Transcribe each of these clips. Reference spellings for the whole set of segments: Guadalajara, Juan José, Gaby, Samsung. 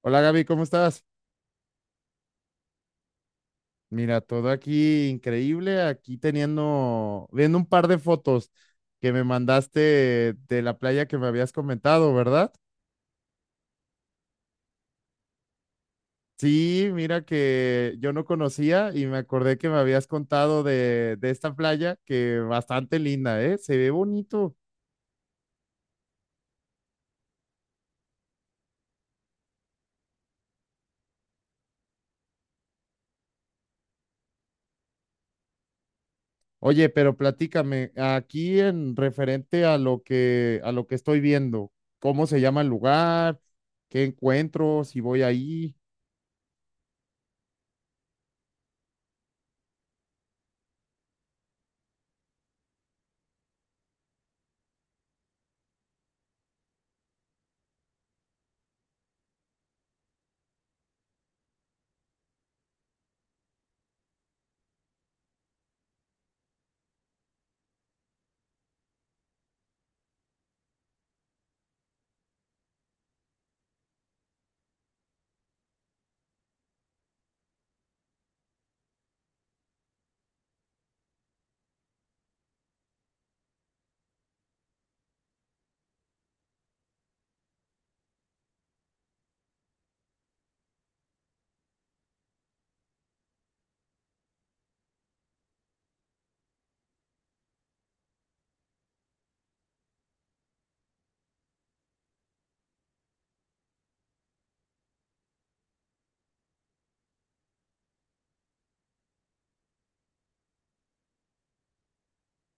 Hola Gaby, ¿cómo estás? Mira, todo aquí increíble, aquí teniendo, viendo un par de fotos que me mandaste de la playa que me habías comentado, ¿verdad? Sí, mira que yo no conocía y me acordé que me habías contado de esta playa que bastante linda, ¿eh? Se ve bonito. Oye, pero platícame, aquí en referente a a lo que estoy viendo, ¿cómo se llama el lugar? ¿Qué encuentro? Si voy ahí.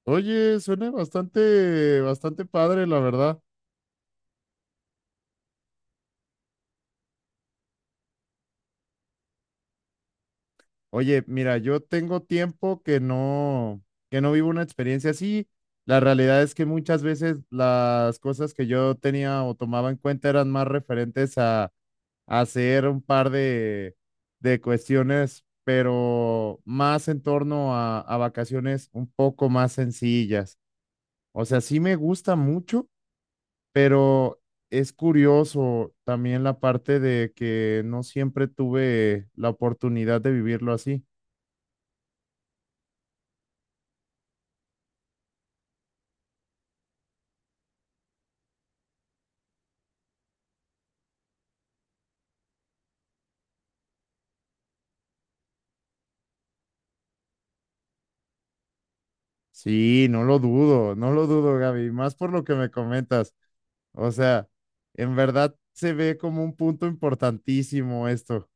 Oye, suena bastante, bastante padre, la verdad. Oye, mira, yo tengo tiempo que no vivo una experiencia así. La realidad es que muchas veces las cosas que yo tenía o tomaba en cuenta eran más referentes a hacer un par de cuestiones, pero más en torno a vacaciones un poco más sencillas. O sea, sí me gusta mucho pero es curioso también la parte de que no siempre tuve la oportunidad de vivirlo así. Sí, no lo dudo, no lo dudo, Gaby, más por lo que me comentas. O sea, en verdad se ve como un punto importantísimo esto.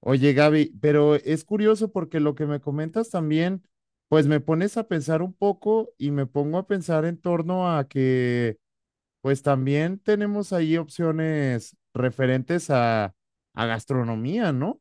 Oye, Gaby, pero es curioso porque lo que me comentas también, pues me pones a pensar un poco y me pongo a pensar en torno a que pues también tenemos ahí opciones referentes a gastronomía, ¿no?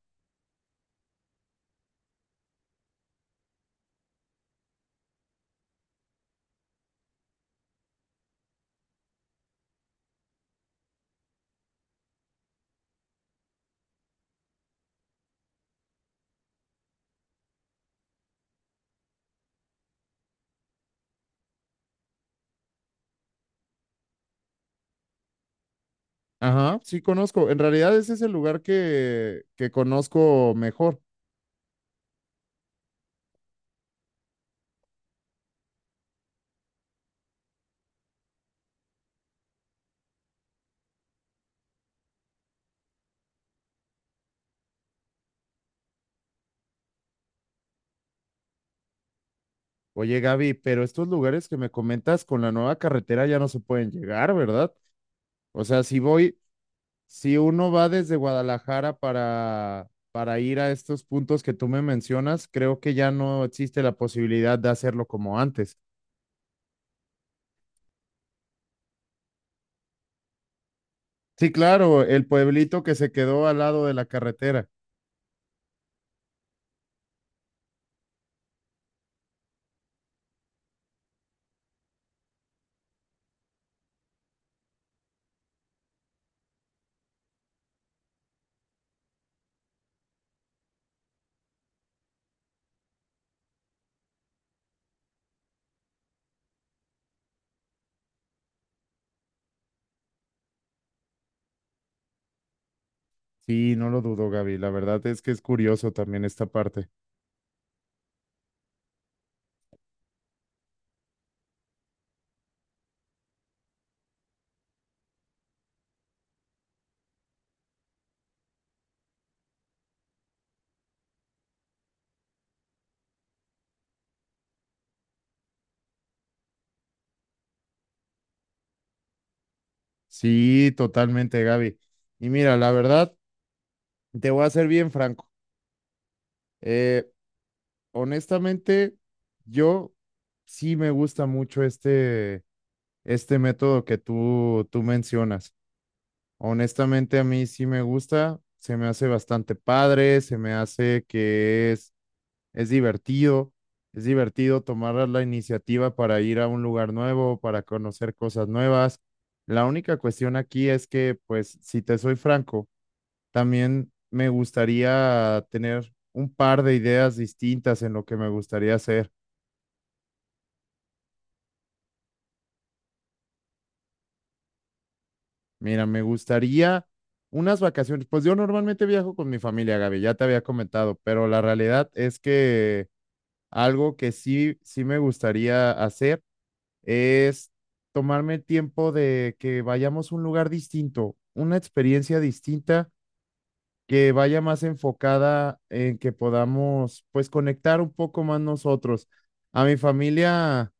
Ajá, sí conozco. En realidad ese es el lugar que conozco mejor. Oye, Gaby, pero estos lugares que me comentas con la nueva carretera ya no se pueden llegar, ¿verdad? O sea, si voy, si uno va desde Guadalajara para ir a estos puntos que tú me mencionas, creo que ya no existe la posibilidad de hacerlo como antes. Sí, claro, el pueblito que se quedó al lado de la carretera. Sí, no lo dudo, Gaby. La verdad es que es curioso también esta parte. Sí, totalmente, Gaby. Y mira, la verdad, te voy a ser bien franco. Eh, Honestamente, yo sí me gusta mucho este método que tú mencionas. Honestamente, a mí sí me gusta. Se me hace bastante padre, se me hace que es divertido, es divertido tomar la iniciativa para ir a un lugar nuevo, para conocer cosas nuevas. La única cuestión aquí es que, pues, si te soy franco, también me gustaría tener un par de ideas distintas en lo que me gustaría hacer. Mira, me gustaría unas vacaciones. Pues yo normalmente viajo con mi familia, Gaby, ya te había comentado, pero la realidad es que algo que sí me gustaría hacer es tomarme el tiempo de que vayamos a un lugar distinto, una experiencia distinta que vaya más enfocada en que podamos pues conectar un poco más nosotros. A mi familia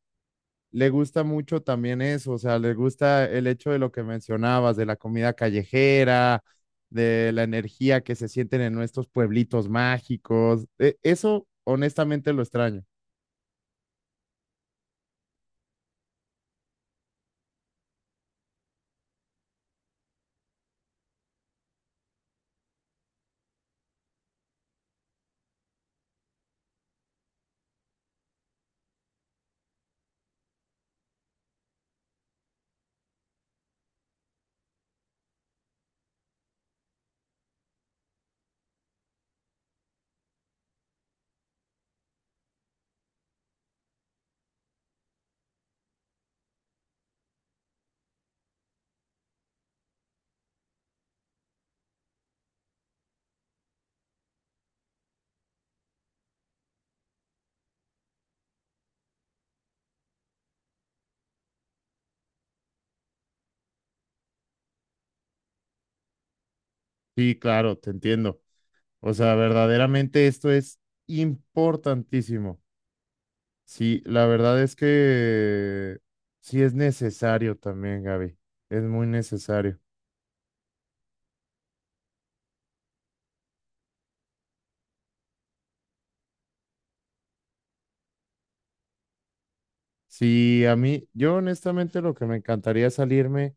le gusta mucho también eso, o sea, le gusta el hecho de lo que mencionabas, de la comida callejera, de la energía que se sienten en nuestros pueblitos mágicos. E- eso honestamente lo extraño. Sí, claro, te entiendo. O sea, verdaderamente esto es importantísimo. Sí, la verdad es que sí es necesario también, Gaby. Es muy necesario. Sí, a mí, yo honestamente lo que me encantaría es salirme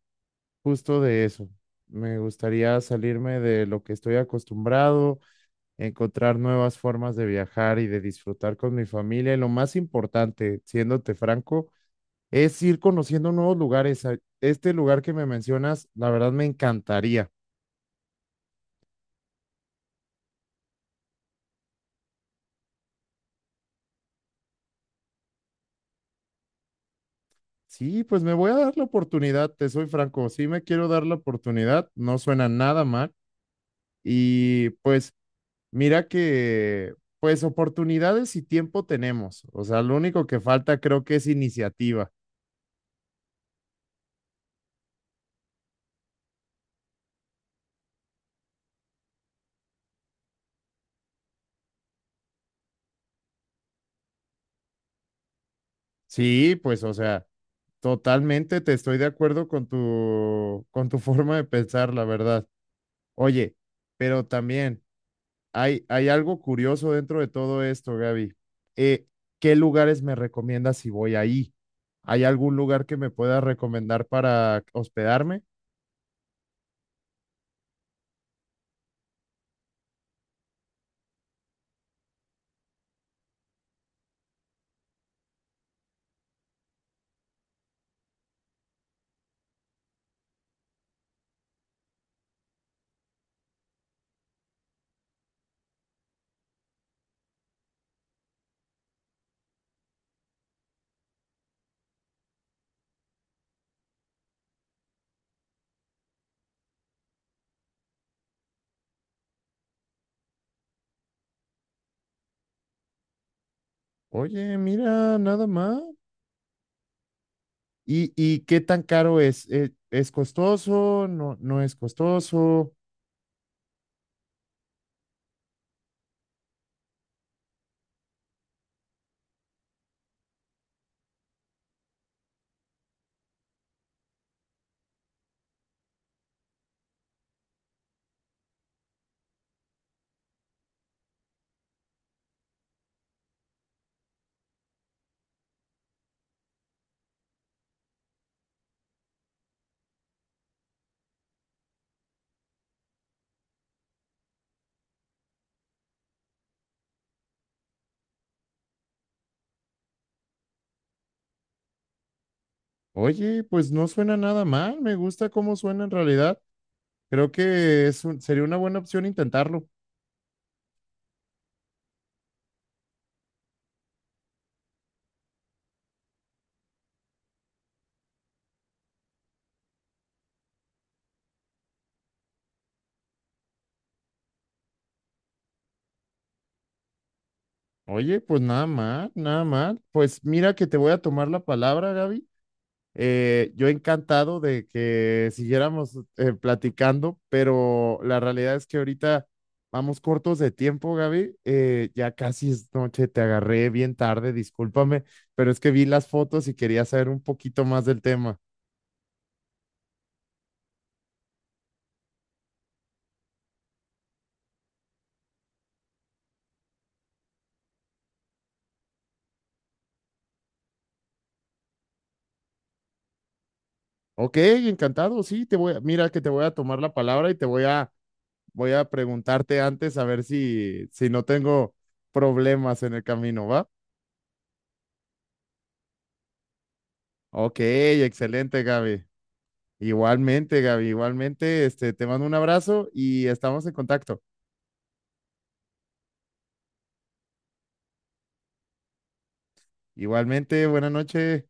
justo de eso. Me gustaría salirme de lo que estoy acostumbrado, encontrar nuevas formas de viajar y de disfrutar con mi familia. Y lo más importante, siéndote franco, es ir conociendo nuevos lugares. A- este lugar que me mencionas, la verdad me encantaría. Sí, pues me voy a dar la oportunidad, te soy franco, sí me quiero dar la oportunidad, no suena nada mal. Y pues mira que, pues oportunidades y tiempo tenemos. O sea, lo único que falta creo que es iniciativa. Sí, pues o sea, totalmente te estoy de acuerdo con tu forma de pensar, la verdad. Oye, pero también hay algo curioso dentro de todo esto, Gaby. Eh, ¿Qué lugares me recomiendas si voy ahí? ¿Hay algún lugar que me pueda recomendar para hospedarme? Oye, mira, nada más. Y qué tan caro es? Es costoso? ¿No, no es costoso? Oye, pues no suena nada mal. Me gusta cómo suena en realidad. Creo que es un- sería una buena opción intentarlo. Oye, pues nada mal, nada mal. Pues mira que te voy a tomar la palabra, Gaby. Yo encantado de que siguiéramos platicando, pero la realidad es que ahorita vamos cortos de tiempo, Gaby. Ya casi es noche, te agarré bien tarde, discúlpame, pero es que vi las fotos y quería saber un poquito más del tema. Ok, encantado, sí, mira que te voy a tomar la palabra y te voy voy a preguntarte antes a ver si, si no tengo problemas en el camino, ¿va? Ok, excelente, Gaby. Igualmente, Gaby, igualmente, este, te mando un abrazo y estamos en contacto. Igualmente, buena noche.